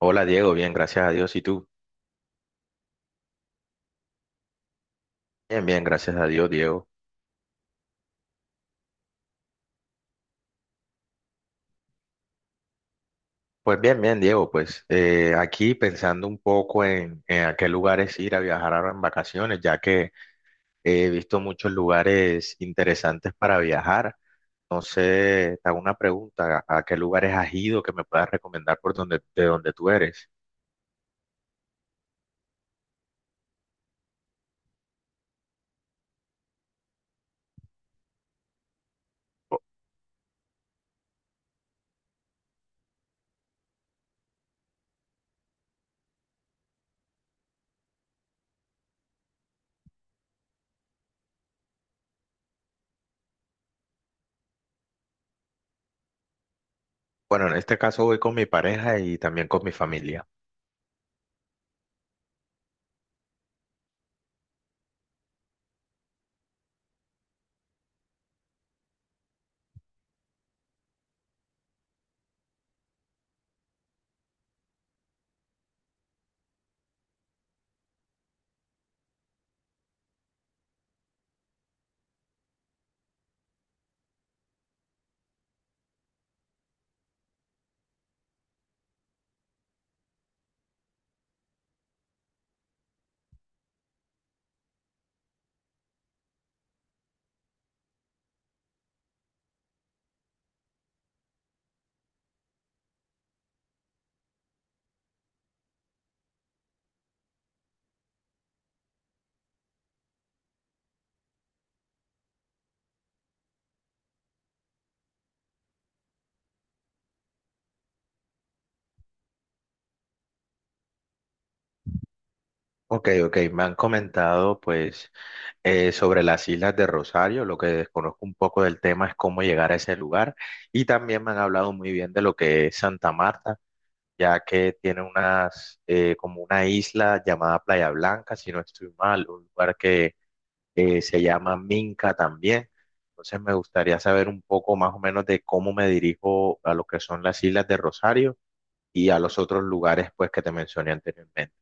Hola Diego, bien, gracias a Dios. ¿Y tú? Bien, bien, gracias a Dios, Diego. Pues bien, bien, Diego, pues aquí pensando un poco en a qué lugares ir a viajar ahora en vacaciones, ya que he visto muchos lugares interesantes para viajar. No sé, te hago una pregunta, ¿a qué lugares has ido que me puedas recomendar de donde tú eres? Bueno, en este caso voy con mi pareja y también con mi familia. Ok, ok, me han comentado pues sobre las islas de Rosario. Lo que desconozco un poco del tema es cómo llegar a ese lugar. Y también me han hablado muy bien de lo que es Santa Marta, ya que tiene como una isla llamada Playa Blanca, si no estoy mal, un lugar que se llama Minca también. Entonces me gustaría saber un poco más o menos de cómo me dirijo a lo que son las islas de Rosario y a los otros lugares pues que te mencioné anteriormente.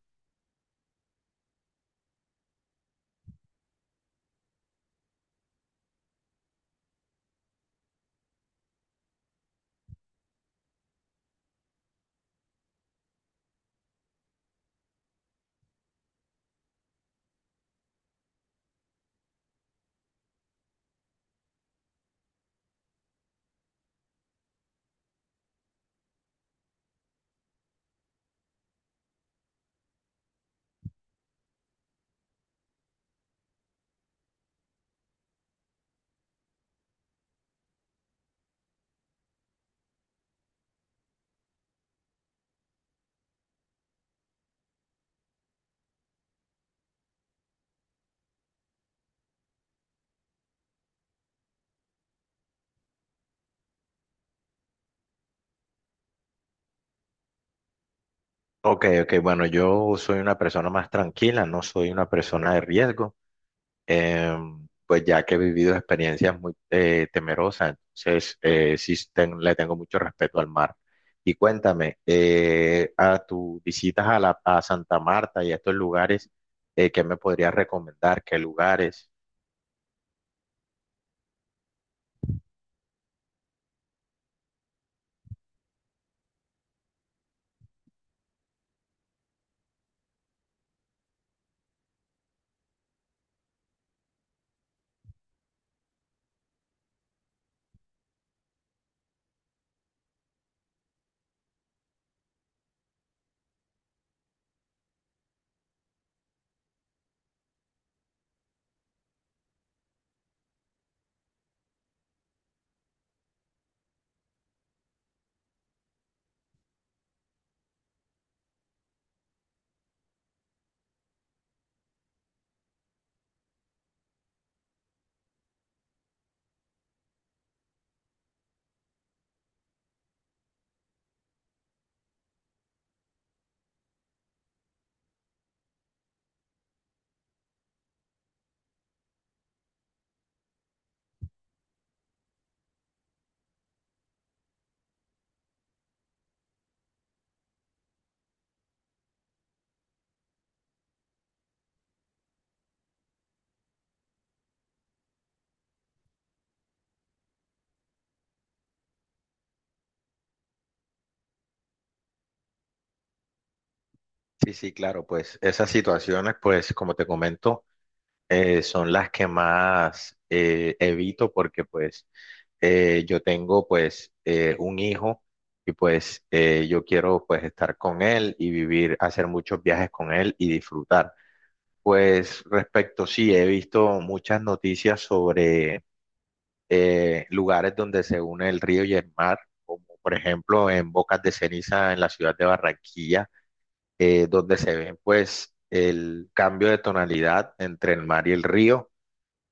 Ok, ok, bueno, yo soy una persona más tranquila, no soy una persona de riesgo. Pues ya que he vivido experiencias muy temerosas, entonces le tengo mucho respeto al mar. Y cuéntame, a tus visitas a Santa Marta y a estos lugares, ¿qué me podrías recomendar? ¿Qué lugares? Sí, sí, claro, pues esas situaciones, pues como te comento, son las que más evito porque pues yo tengo pues un hijo y pues yo quiero pues estar con él y vivir, hacer muchos viajes con él y disfrutar. Pues respecto, sí, he visto muchas noticias sobre lugares donde se une el río y el mar, como por ejemplo en Bocas de Ceniza en la ciudad de Barranquilla, donde se ven pues el cambio de tonalidad entre el mar y el río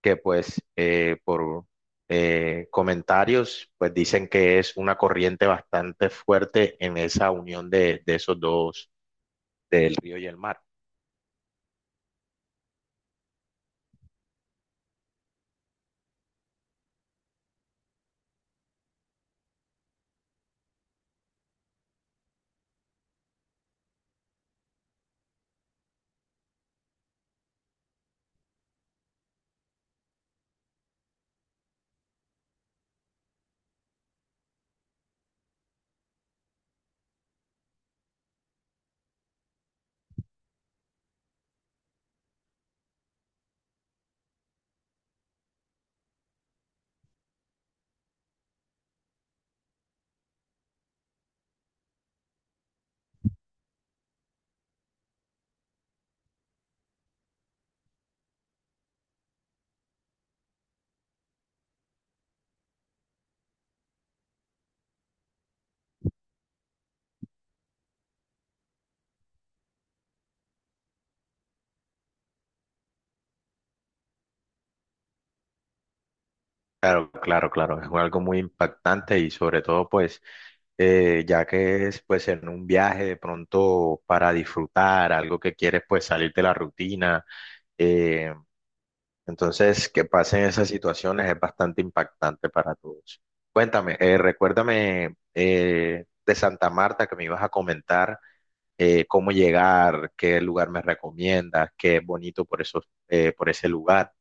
que pues por comentarios pues dicen que es una corriente bastante fuerte en esa unión de esos dos, del río y el mar. Claro, claro, claro, es algo muy impactante y sobre todo pues ya que es pues en un viaje de pronto para disfrutar, algo que quieres pues salir de la rutina. Eh, Entonces, que pasen esas situaciones es bastante impactante para todos. Cuéntame, recuérdame de Santa Marta que me ibas a comentar cómo llegar, qué lugar me recomiendas, qué es bonito por esos, por ese lugar.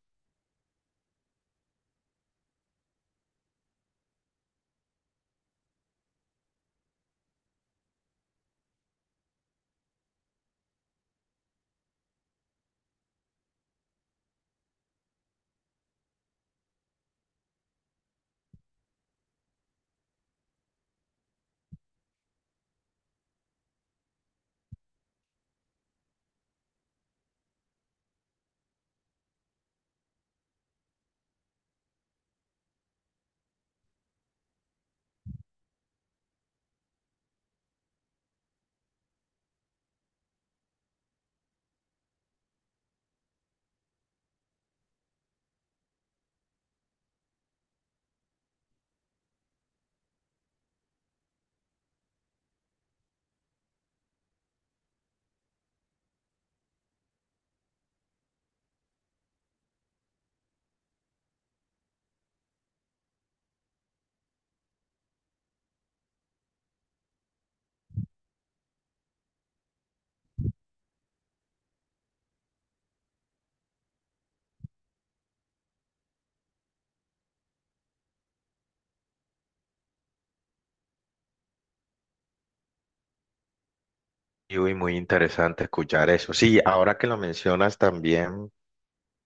Y uy, muy interesante escuchar eso. Sí, ahora que lo mencionas también,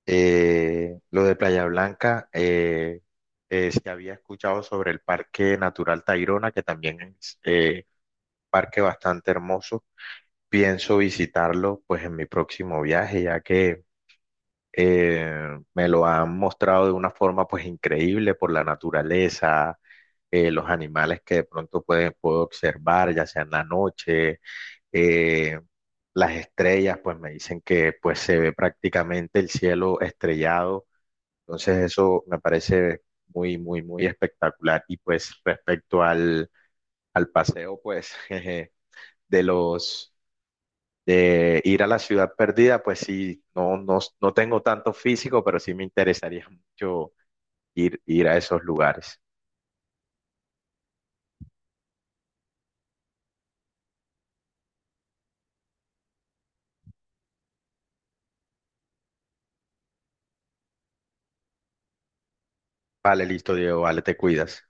lo de Playa Blanca, sí había escuchado sobre el Parque Natural Tayrona, que también es parque bastante hermoso. Pienso visitarlo pues en mi próximo viaje, ya que me lo han mostrado de una forma pues increíble por la naturaleza, los animales que de pronto puedo observar, ya sea en la noche, eh, las estrellas, pues me dicen que pues se ve prácticamente el cielo estrellado, entonces eso me parece muy, muy, muy espectacular. Y pues respecto al, al paseo, pues... jeje, de los de ir a la ciudad perdida, pues sí, no, no, no tengo tanto físico, pero sí me interesaría mucho ir a esos lugares. Vale, listo, Diego, vale, te cuidas.